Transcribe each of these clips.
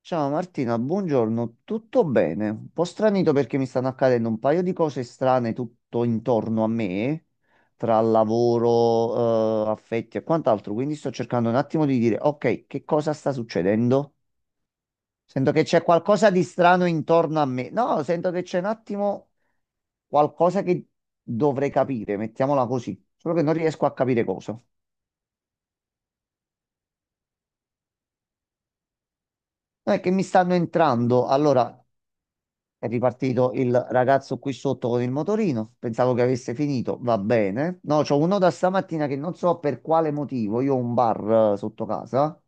Ciao Martina, buongiorno, tutto bene? Un po' stranito perché mi stanno accadendo un paio di cose strane tutto intorno a me, tra lavoro, affetti e quant'altro, quindi sto cercando un attimo di dire, ok, che cosa sta succedendo? Sento che c'è qualcosa di strano intorno a me. No, sento che c'è un attimo qualcosa che dovrei capire, mettiamola così, solo che non riesco a capire cosa. Non è che mi stanno entrando, allora. È ripartito il ragazzo qui sotto con il motorino. Pensavo che avesse finito. Va bene. No, c'ho uno da stamattina che non so per quale motivo. Io ho un bar, sotto casa.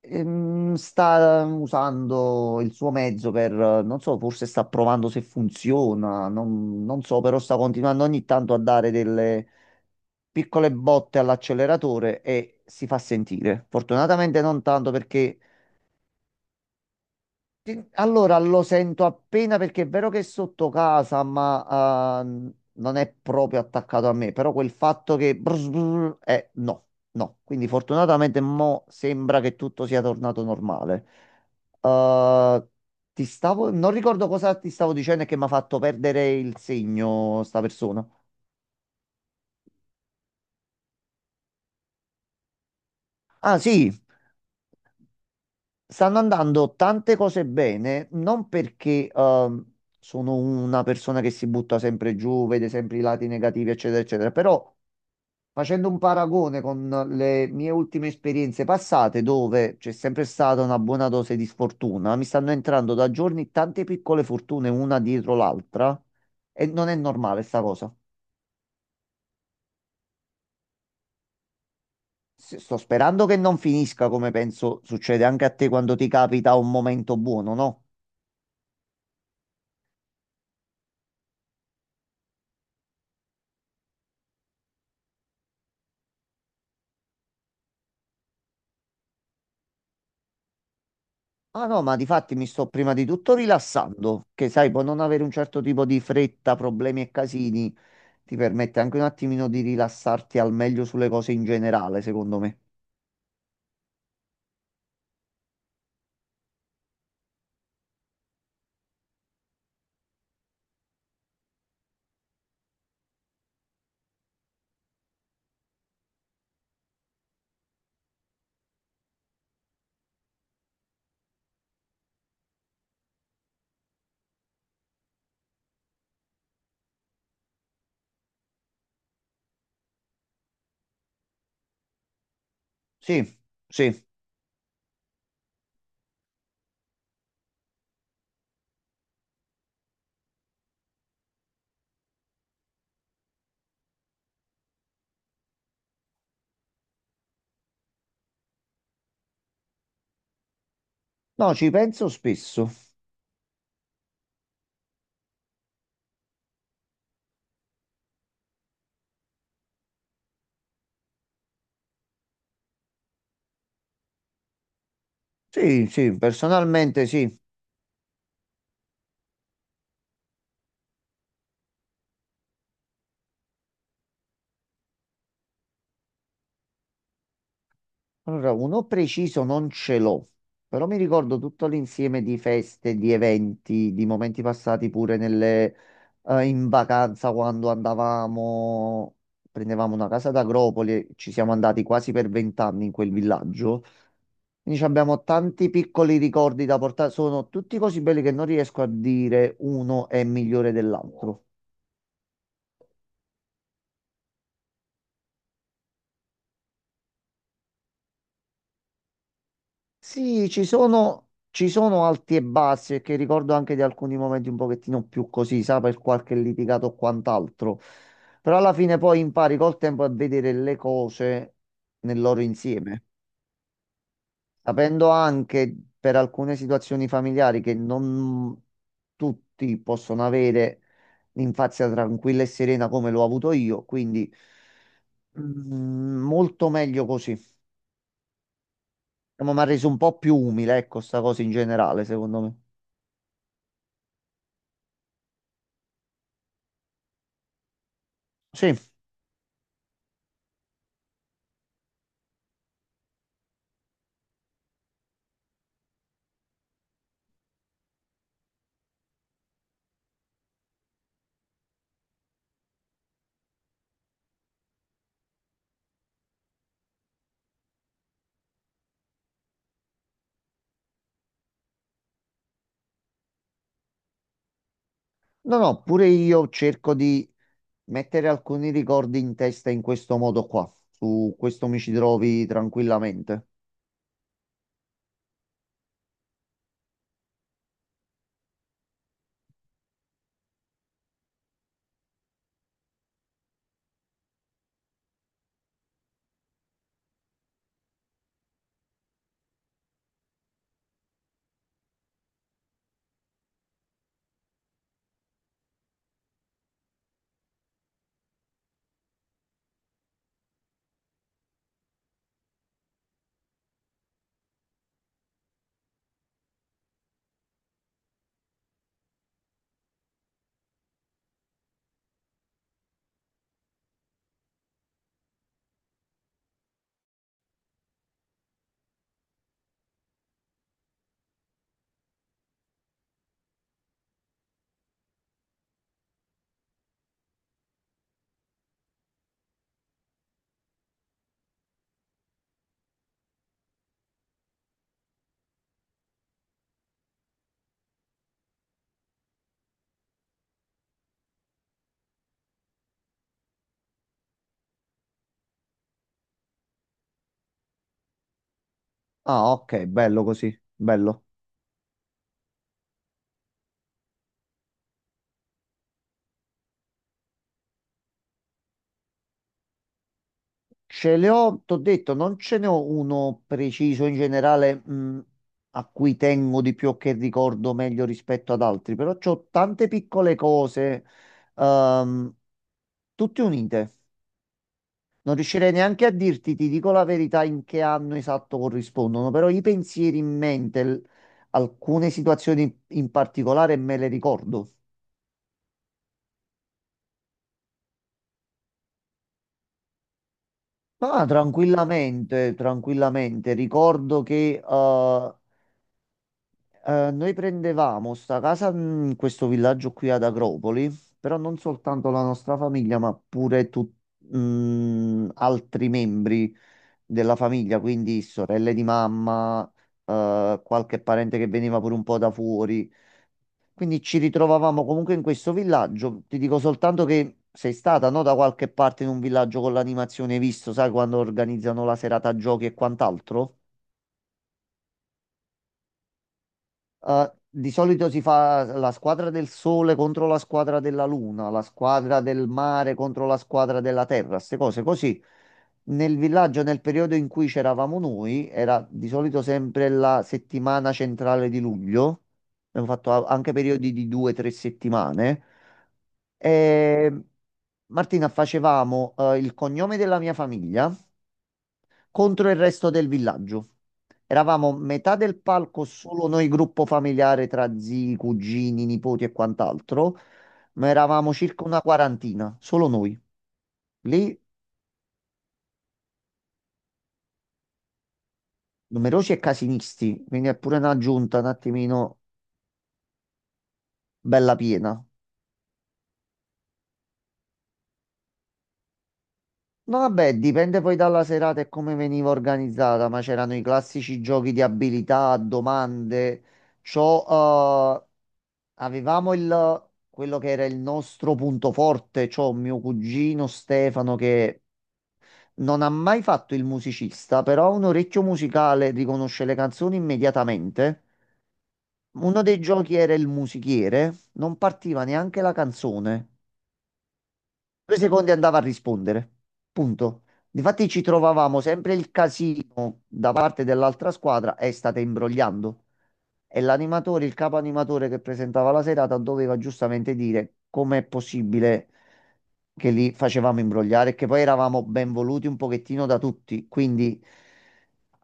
Sta usando il suo mezzo per, non so, forse sta provando se funziona. Non so, però sta continuando ogni tanto a dare delle piccole botte all'acceleratore e si fa sentire. Fortunatamente non tanto perché. Sì, allora lo sento appena perché è vero che è sotto casa, ma non è proprio attaccato a me, però quel fatto che brr, brr, no, no. Quindi fortunatamente mo sembra che tutto sia tornato normale. Eh, ti stavo, non ricordo cosa ti stavo dicendo e che mi ha fatto perdere il segno sta persona. Ah, sì. Stanno andando tante cose bene, non perché sono una persona che si butta sempre giù, vede sempre i lati negativi, eccetera, eccetera, però facendo un paragone con le mie ultime esperienze passate, dove c'è sempre stata una buona dose di sfortuna, mi stanno entrando da giorni tante piccole fortune una dietro l'altra e non è normale sta cosa. Sto sperando che non finisca come penso succede anche a te quando ti capita un momento buono, no? Ah no, ma di fatti mi sto prima di tutto rilassando, che sai, può non avere un certo tipo di fretta, problemi e casini, ti permette anche un attimino di rilassarti al meglio sulle cose in generale, secondo me. Sì, sì. No, ci penso spesso. Sì, sì, personalmente sì. Allora, uno preciso non ce l'ho, però mi ricordo tutto l'insieme di feste, di eventi, di momenti passati pure in vacanza quando andavamo, prendevamo una casa ad Agropoli, e ci siamo andati quasi per 20 anni in quel villaggio. Quindi ci abbiamo tanti piccoli ricordi da portare, sono tutti così belli che non riesco a dire uno è migliore dell'altro. Sì, ci sono alti e bassi, e che ricordo anche di alcuni momenti un pochettino più così, sa, per qualche litigato o quant'altro. Però alla fine poi impari col tempo a vedere le cose nel loro insieme, sapendo anche per alcune situazioni familiari che non tutti possono avere l'infanzia tranquilla e serena come l'ho avuto io, quindi molto meglio così. Ma mi ha reso un po' più umile, ecco, sta cosa in generale, secondo me. Sì. No, no, pure io cerco di mettere alcuni ricordi in testa in questo modo qua. Su questo mi ci trovi tranquillamente. Ah, ok, bello così, bello. Ce le ho, t'ho detto, non ce ne ho uno preciso in generale, a cui tengo di più o che ricordo meglio rispetto ad altri, però c'ho tante piccole cose, ehm, tutte unite. Non riuscirei neanche a dirti, ti dico la verità, in che anno esatto corrispondono, però i pensieri in mente, alcune situazioni in particolare me le ricordo. Ah, tranquillamente, tranquillamente. Ricordo che noi prendevamo sta casa in questo villaggio qui ad Agropoli, però non soltanto la nostra famiglia, ma pure altri membri della famiglia, quindi sorelle di mamma, qualche parente che veniva pure un po' da fuori. Quindi ci ritrovavamo comunque in questo villaggio. Ti dico soltanto che sei stata, no, da qualche parte in un villaggio con l'animazione, hai visto, sai, quando organizzano la serata giochi e quant'altro? Di solito si fa la squadra del sole contro la squadra della luna, la squadra del mare contro la squadra della terra, queste cose così. Nel villaggio, nel periodo in cui c'eravamo noi, era di solito sempre la settimana centrale di luglio. Abbiamo fatto anche periodi di 2 o 3 settimane. E, Martina, facevamo il cognome della mia famiglia contro il resto del villaggio. Eravamo metà del palco, solo noi gruppo familiare tra zii, cugini, nipoti e quant'altro, ma eravamo circa una quarantina, solo noi. Lì numerosi e casinisti, quindi è pure una giunta un attimino bella piena. No, vabbè, dipende poi dalla serata e come veniva organizzata, ma c'erano i classici giochi di abilità, domande. C'ho, eh, Quello che era il nostro punto forte, cioè mio cugino Stefano che non ha mai fatto il musicista, però ha un orecchio musicale, riconosce le canzoni immediatamente. Uno dei giochi era il musichiere, non partiva neanche la canzone. 2 secondi andava a rispondere. Punto. Difatti ci trovavamo sempre il casino da parte dell'altra squadra e state imbrogliando. E l'animatore, il capo animatore che presentava la serata, doveva giustamente dire com'è possibile che li facevamo imbrogliare, e che poi eravamo ben voluti un pochettino da tutti. Quindi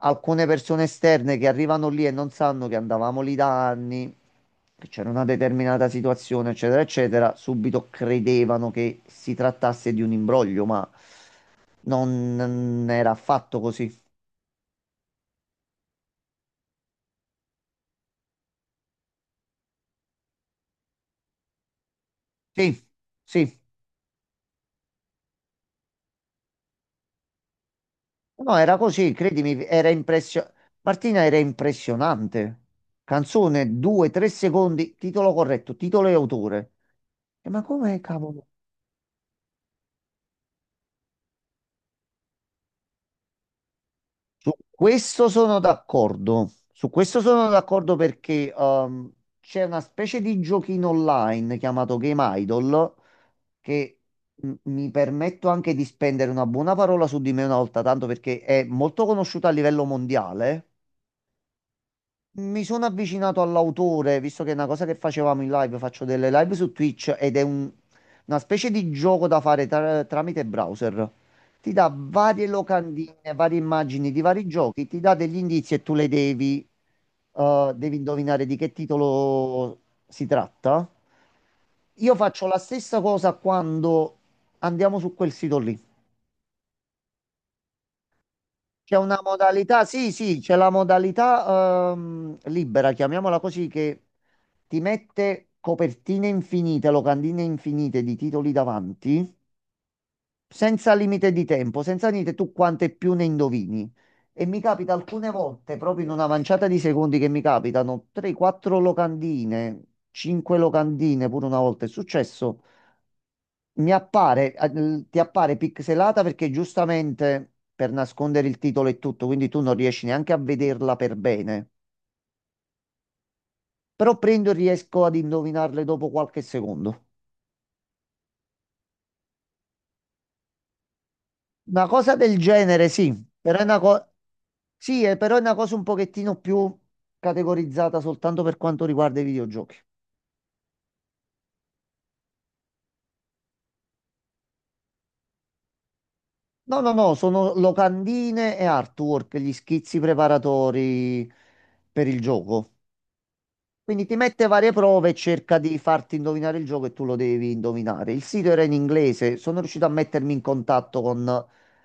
alcune persone esterne che arrivano lì e non sanno che andavamo lì da anni, che c'era una determinata situazione, eccetera, eccetera, subito credevano che si trattasse di un imbroglio, ma non era affatto così. Sì, sì. No, era così, credimi, era impressionante. Martina, era impressionante. Canzone, 2, 3 secondi, titolo corretto, titolo e autore. E ma come cavolo? Su questo sono d'accordo. Su questo sono d'accordo perché c'è una specie di giochino online chiamato Game Idol che mi permetto anche di spendere una buona parola su di me una volta tanto perché è molto conosciuta a livello mondiale. Mi sono avvicinato all'autore, visto che è una cosa che facevamo in live, faccio delle live su Twitch ed è una specie di gioco da fare tramite browser. Ti dà varie locandine, varie immagini di vari giochi, ti dà degli indizi e tu devi indovinare di che titolo si tratta. Io faccio la stessa cosa quando andiamo su quel sito lì. C'è una modalità, sì, sì, c'è la modalità libera, chiamiamola così, che ti mette copertine infinite, locandine infinite di titoli davanti, senza limite di tempo, senza niente, tu quante più ne indovini. E mi capita alcune volte, proprio in una manciata di secondi che mi capitano, 3-4 locandine, 5 locandine, pure una volta è successo, ti appare pixelata perché giustamente per nascondere il titolo e tutto, quindi tu non riesci neanche a vederla per bene. Però prendo e riesco ad indovinarle dopo qualche secondo. Una cosa del genere, sì, però è una cosa un pochettino più categorizzata soltanto per quanto riguarda i videogiochi. No, no, no, sono locandine e artwork, gli schizzi preparatori per il gioco. Quindi ti mette varie prove e cerca di farti indovinare il gioco e tu lo devi indovinare. Il sito era in inglese, sono riuscito a mettermi in contatto con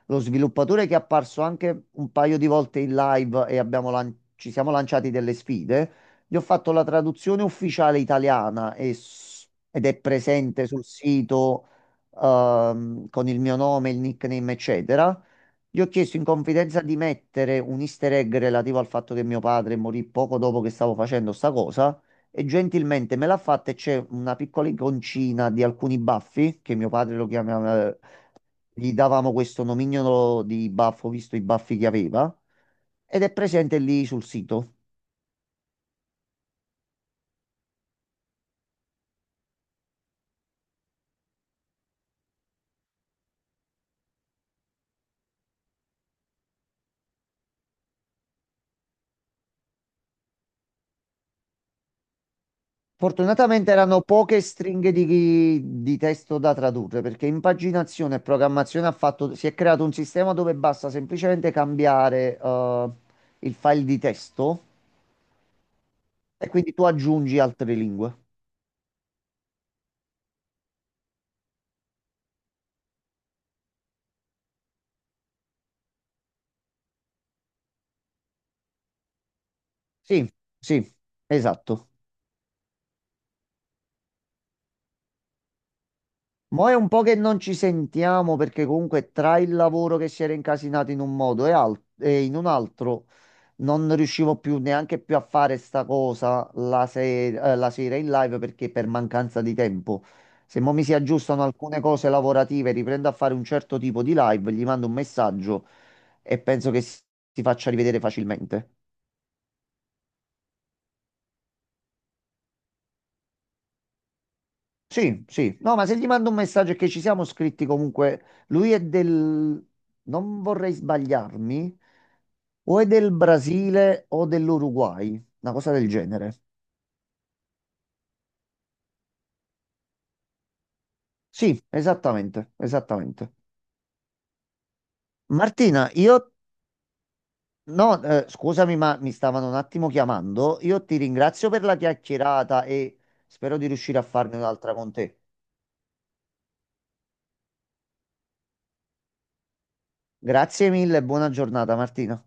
lo sviluppatore che è apparso anche un paio di volte in live e abbiamo ci siamo lanciati delle sfide. Gli ho fatto la traduzione ufficiale italiana e ed è presente sul sito con il mio nome, il nickname, eccetera. Gli ho chiesto in confidenza di mettere un easter egg relativo al fatto che mio padre morì poco dopo che stavo facendo sta cosa e gentilmente me l'ha fatta e c'è una piccola iconcina di alcuni baffi che mio padre lo chiamava, gli davamo questo nomignolo di baffo visto i baffi che aveva ed è presente lì sul sito. Fortunatamente erano poche stringhe di testo da tradurre perché impaginazione e programmazione ha fatto, si è creato un sistema dove basta semplicemente cambiare il file di testo e quindi tu aggiungi altre lingue. Sì, sì, esatto. Mo' è un po' che non ci sentiamo perché comunque tra il lavoro che si era incasinato in un modo e, e in un altro. Non riuscivo più neanche più a fare sta cosa la, se- la sera in live perché per mancanza di tempo. Se mo mi si aggiustano alcune cose lavorative, riprendo a fare un certo tipo di live, gli mando un messaggio e penso che si faccia rivedere facilmente. Sì, sì. No, ma se gli mando un messaggio e che ci siamo scritti comunque, lui è del, non vorrei sbagliarmi, o è del Brasile o dell'Uruguay, una cosa del genere. Sì, esattamente, esattamente. Martina, io no, scusami, ma mi stavano un attimo chiamando. Io ti ringrazio per la chiacchierata e spero di riuscire a farne un'altra con te. Grazie mille e buona giornata, Martina.